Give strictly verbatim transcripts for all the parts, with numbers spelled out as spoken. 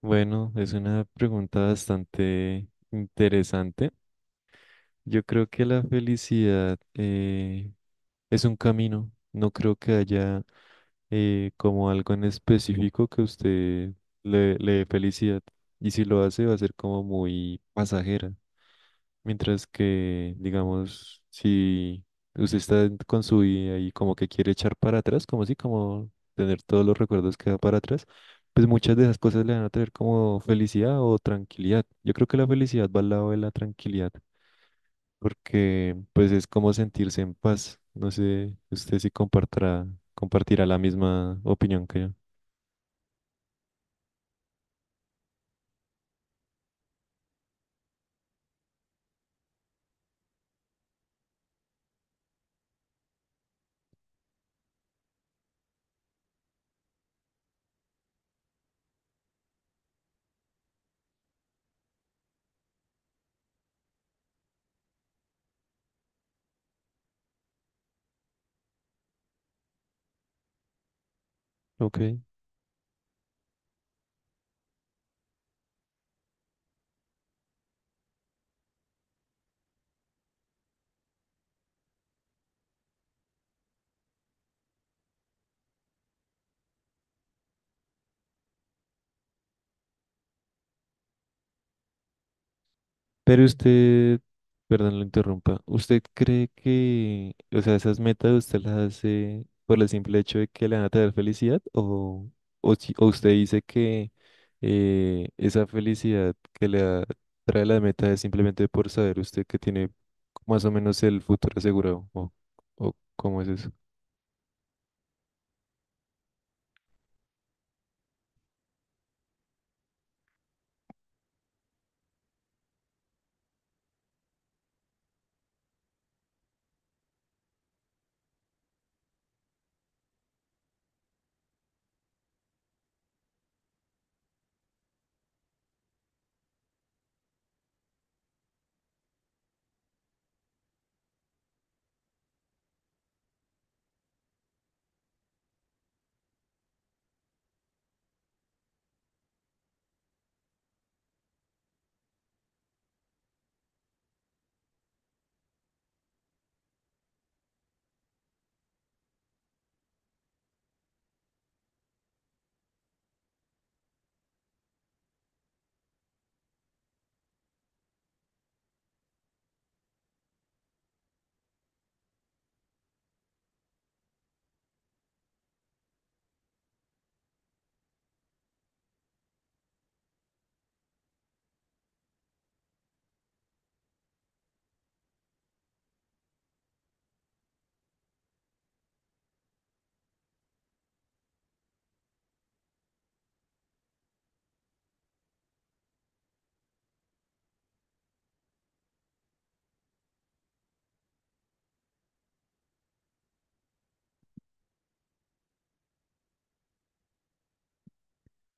Bueno, es una pregunta bastante interesante. Yo creo que la felicidad eh, es un camino. No creo que haya eh, como algo en específico que usted le, le dé felicidad. Y si lo hace, va a ser como muy pasajera. Mientras que, digamos, si usted está en- con su vida y como que quiere echar para atrás, como si, como tener todos los recuerdos que da para atrás, pues muchas de esas cosas le van a traer como felicidad o tranquilidad. Yo creo que la felicidad va al lado de la tranquilidad, porque pues es como sentirse en paz. No sé, usted si compartirá, compartirá la misma opinión que yo. Ok. Pero usted, perdón, lo interrumpa, ¿usted cree que, o sea, esas metas usted las hace por el simple hecho de que le van a traer felicidad? ¿O, o, si- o usted dice que eh, esa felicidad que le da- trae la meta es simplemente por saber usted que tiene más o menos el futuro asegurado? ¿O, o cómo es eso?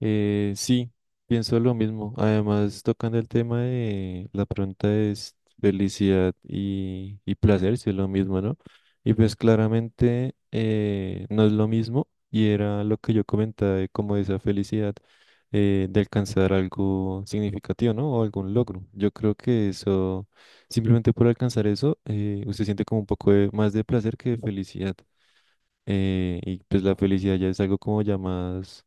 Eh, sí, pienso lo mismo. Además, tocando el tema de la pregunta es felicidad y, y placer, si es lo mismo, ¿no? Y pues claramente eh, no es lo mismo y era lo que yo comentaba de como esa felicidad eh, de alcanzar algo significativo, ¿no? O algún logro. Yo creo que eso, simplemente por alcanzar eso, eh, usted siente como un poco de- más de placer que de felicidad. Eh, y pues la felicidad ya es algo como ya más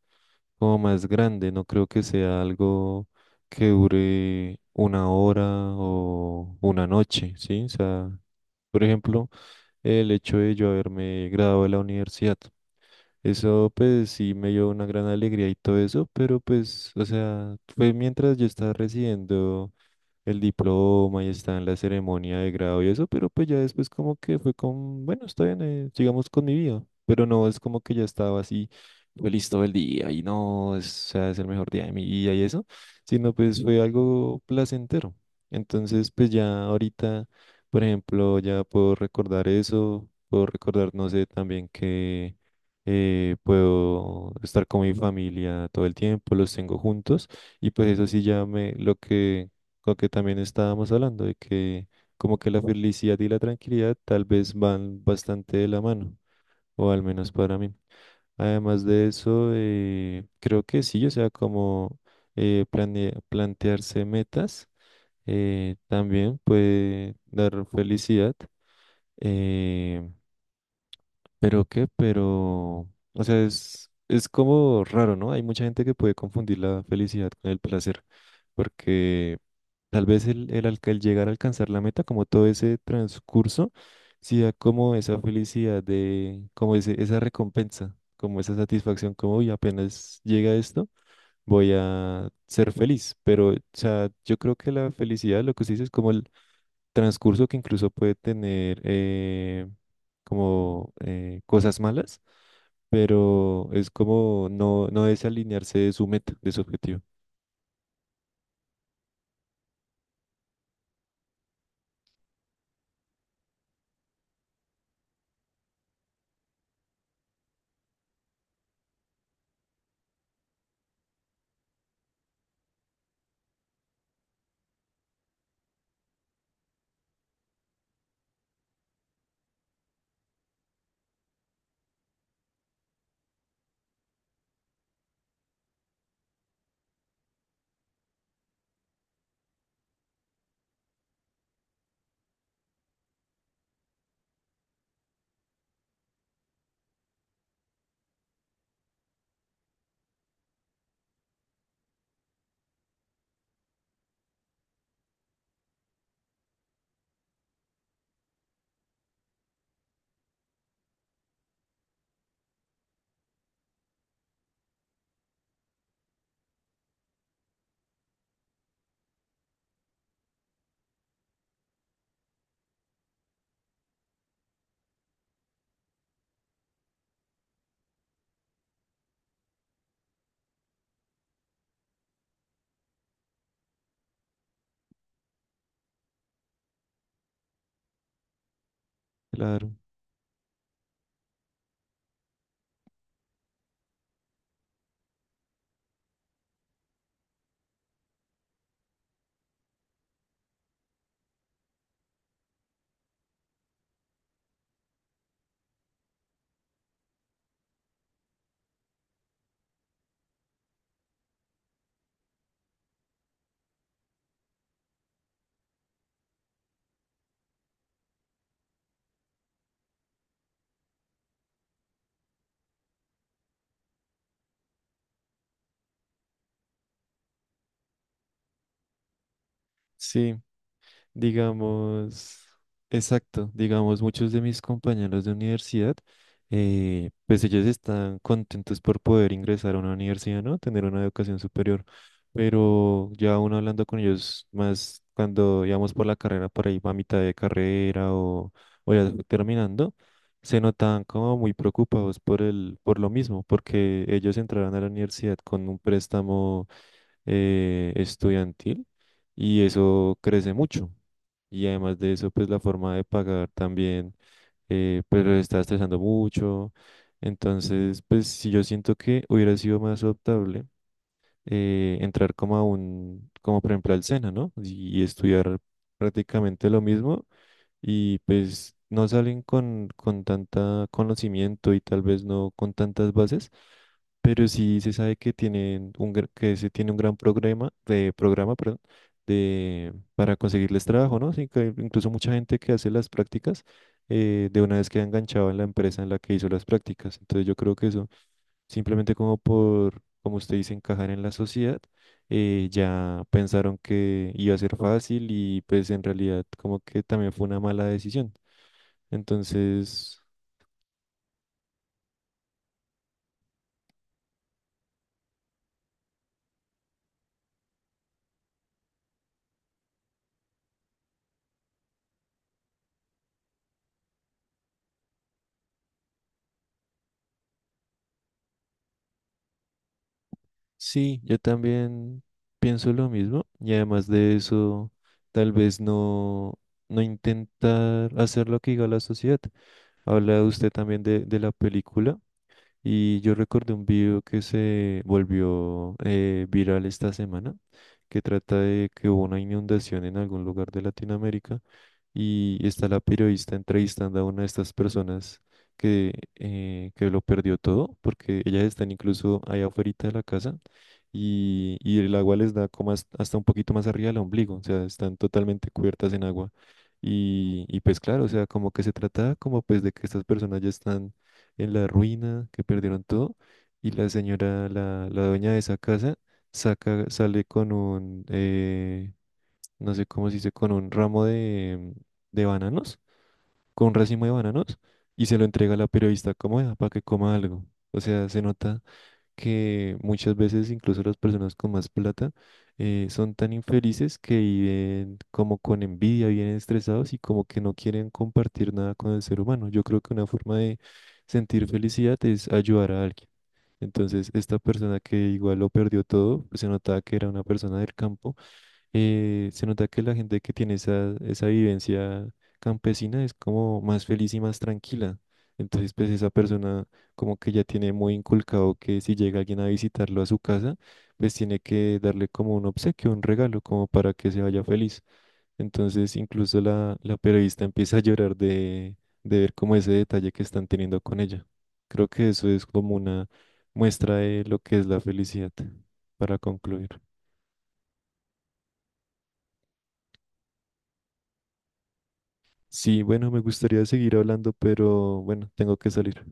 como más grande. No creo que sea algo que dure una hora o una noche, ¿sí? O sea, por ejemplo, el hecho de yo haberme graduado de la universidad. Eso pues sí me dio una gran alegría y todo eso, pero pues, o sea, fue mientras yo estaba residiendo el diploma y está en la ceremonia de grado y eso, pero pues ya después como que fue con, bueno, está bien, eh, sigamos con mi vida, pero no es como que ya estaba así feliz todo el día y no, es, o sea, es el mejor día de mi vida y eso, sino pues fue algo placentero. Entonces pues ya ahorita, por ejemplo, ya puedo recordar eso, puedo recordar, no sé, también que... eh, puedo estar con mi familia todo el tiempo, los tengo juntos y pues eso sí ya me lo que lo que también estábamos hablando de que como que la felicidad y la tranquilidad tal vez van bastante de la mano, o al menos para mí. Además de eso, eh, creo que sí, o sea, como eh, plane- plantearse metas eh, también puede dar felicidad. Eh, pero qué, pero, o sea, es, es como raro, ¿no? Hay mucha gente que puede confundir la felicidad con el placer, porque tal vez el, el, alca- el llegar a alcanzar la meta, como todo ese transcurso, sí da como esa felicidad de, como ese, esa recompensa, como esa satisfacción, como, uy, apenas llega esto, voy a ser feliz. Pero, o sea, yo creo que la felicidad, lo que se dice es como el transcurso que incluso puede tener eh, como eh, cosas malas, pero es como no, no desalinearse de su meta, de su objetivo. Claro. Sí, digamos, exacto, digamos, muchos de mis compañeros de universidad, eh, pues ellos están contentos por poder ingresar a una universidad, ¿no? Tener una educación superior, pero ya uno hablando con ellos más cuando íbamos por la carrera, por ahí a mitad de carrera o, o ya terminando, se notaban como muy preocupados por el, por lo mismo, porque ellos entraron a la universidad con un préstamo eh, estudiantil y eso crece mucho. Y además de eso, pues la forma de pagar también, eh, pues los está estresando mucho. Entonces, pues si yo siento que hubiera sido más adoptable eh, entrar como a un, como por ejemplo al SENA, ¿no? Y, y estudiar prácticamente lo mismo y pues no salen con, con tanta conocimiento y tal vez no con tantas bases, pero sí se sabe que tienen un, gr- que se tiene un gran programa, de programa, perdón, de, para conseguirles trabajo, ¿no? Sí, que incluso mucha gente que hace las prácticas, eh, de una vez queda enganchado en la empresa en la que hizo las prácticas. Entonces yo creo que eso simplemente como por, como usted dice, encajar en la sociedad, eh, ya pensaron que iba a ser fácil y pues en realidad como que también fue una mala decisión. Entonces, sí, yo también pienso lo mismo y además de eso, tal vez no, no intentar hacer lo que diga la sociedad. Habla usted también de, de la película. Y yo recordé un video que se volvió eh, viral esta semana, que trata de que hubo una inundación en algún lugar de Latinoamérica y está la periodista entrevistando a una de estas personas que, eh, que lo perdió todo, porque ellas están incluso allá afuera de la casa y, y el agua les da como hasta hasta un poquito más arriba del ombligo, o sea, están totalmente cubiertas en agua. Y, y pues claro, o sea, como que se trata como pues de que estas personas ya están en la ruina, que perdieron todo. Y la señora, la, la dueña de esa casa, saca, sale con un, eh, no sé cómo se dice, con un ramo de, de bananos, con un racimo de bananos, y se lo entrega a la periodista como para que coma algo. O sea, se nota que muchas veces incluso las personas con más plata eh, son tan infelices que viven como con envidia, vienen estresados y como que no quieren compartir nada con el ser humano. Yo creo que una forma de sentir felicidad es ayudar a alguien. Entonces, esta persona que igual lo perdió todo, pues se notaba que era una persona del campo eh, se nota que la gente que tiene esa, esa vivencia campesina es como más feliz y más tranquila. Entonces, pues esa persona como que ya tiene muy inculcado que si llega alguien a visitarlo a su casa, pues tiene que darle como un obsequio, un regalo, como para que se vaya feliz. Entonces, incluso la, la periodista empieza a llorar de, de ver como ese detalle que están teniendo con ella. Creo que eso es como una muestra de lo que es la felicidad, para concluir. Sí, bueno, me gustaría seguir hablando, pero bueno, tengo que salir.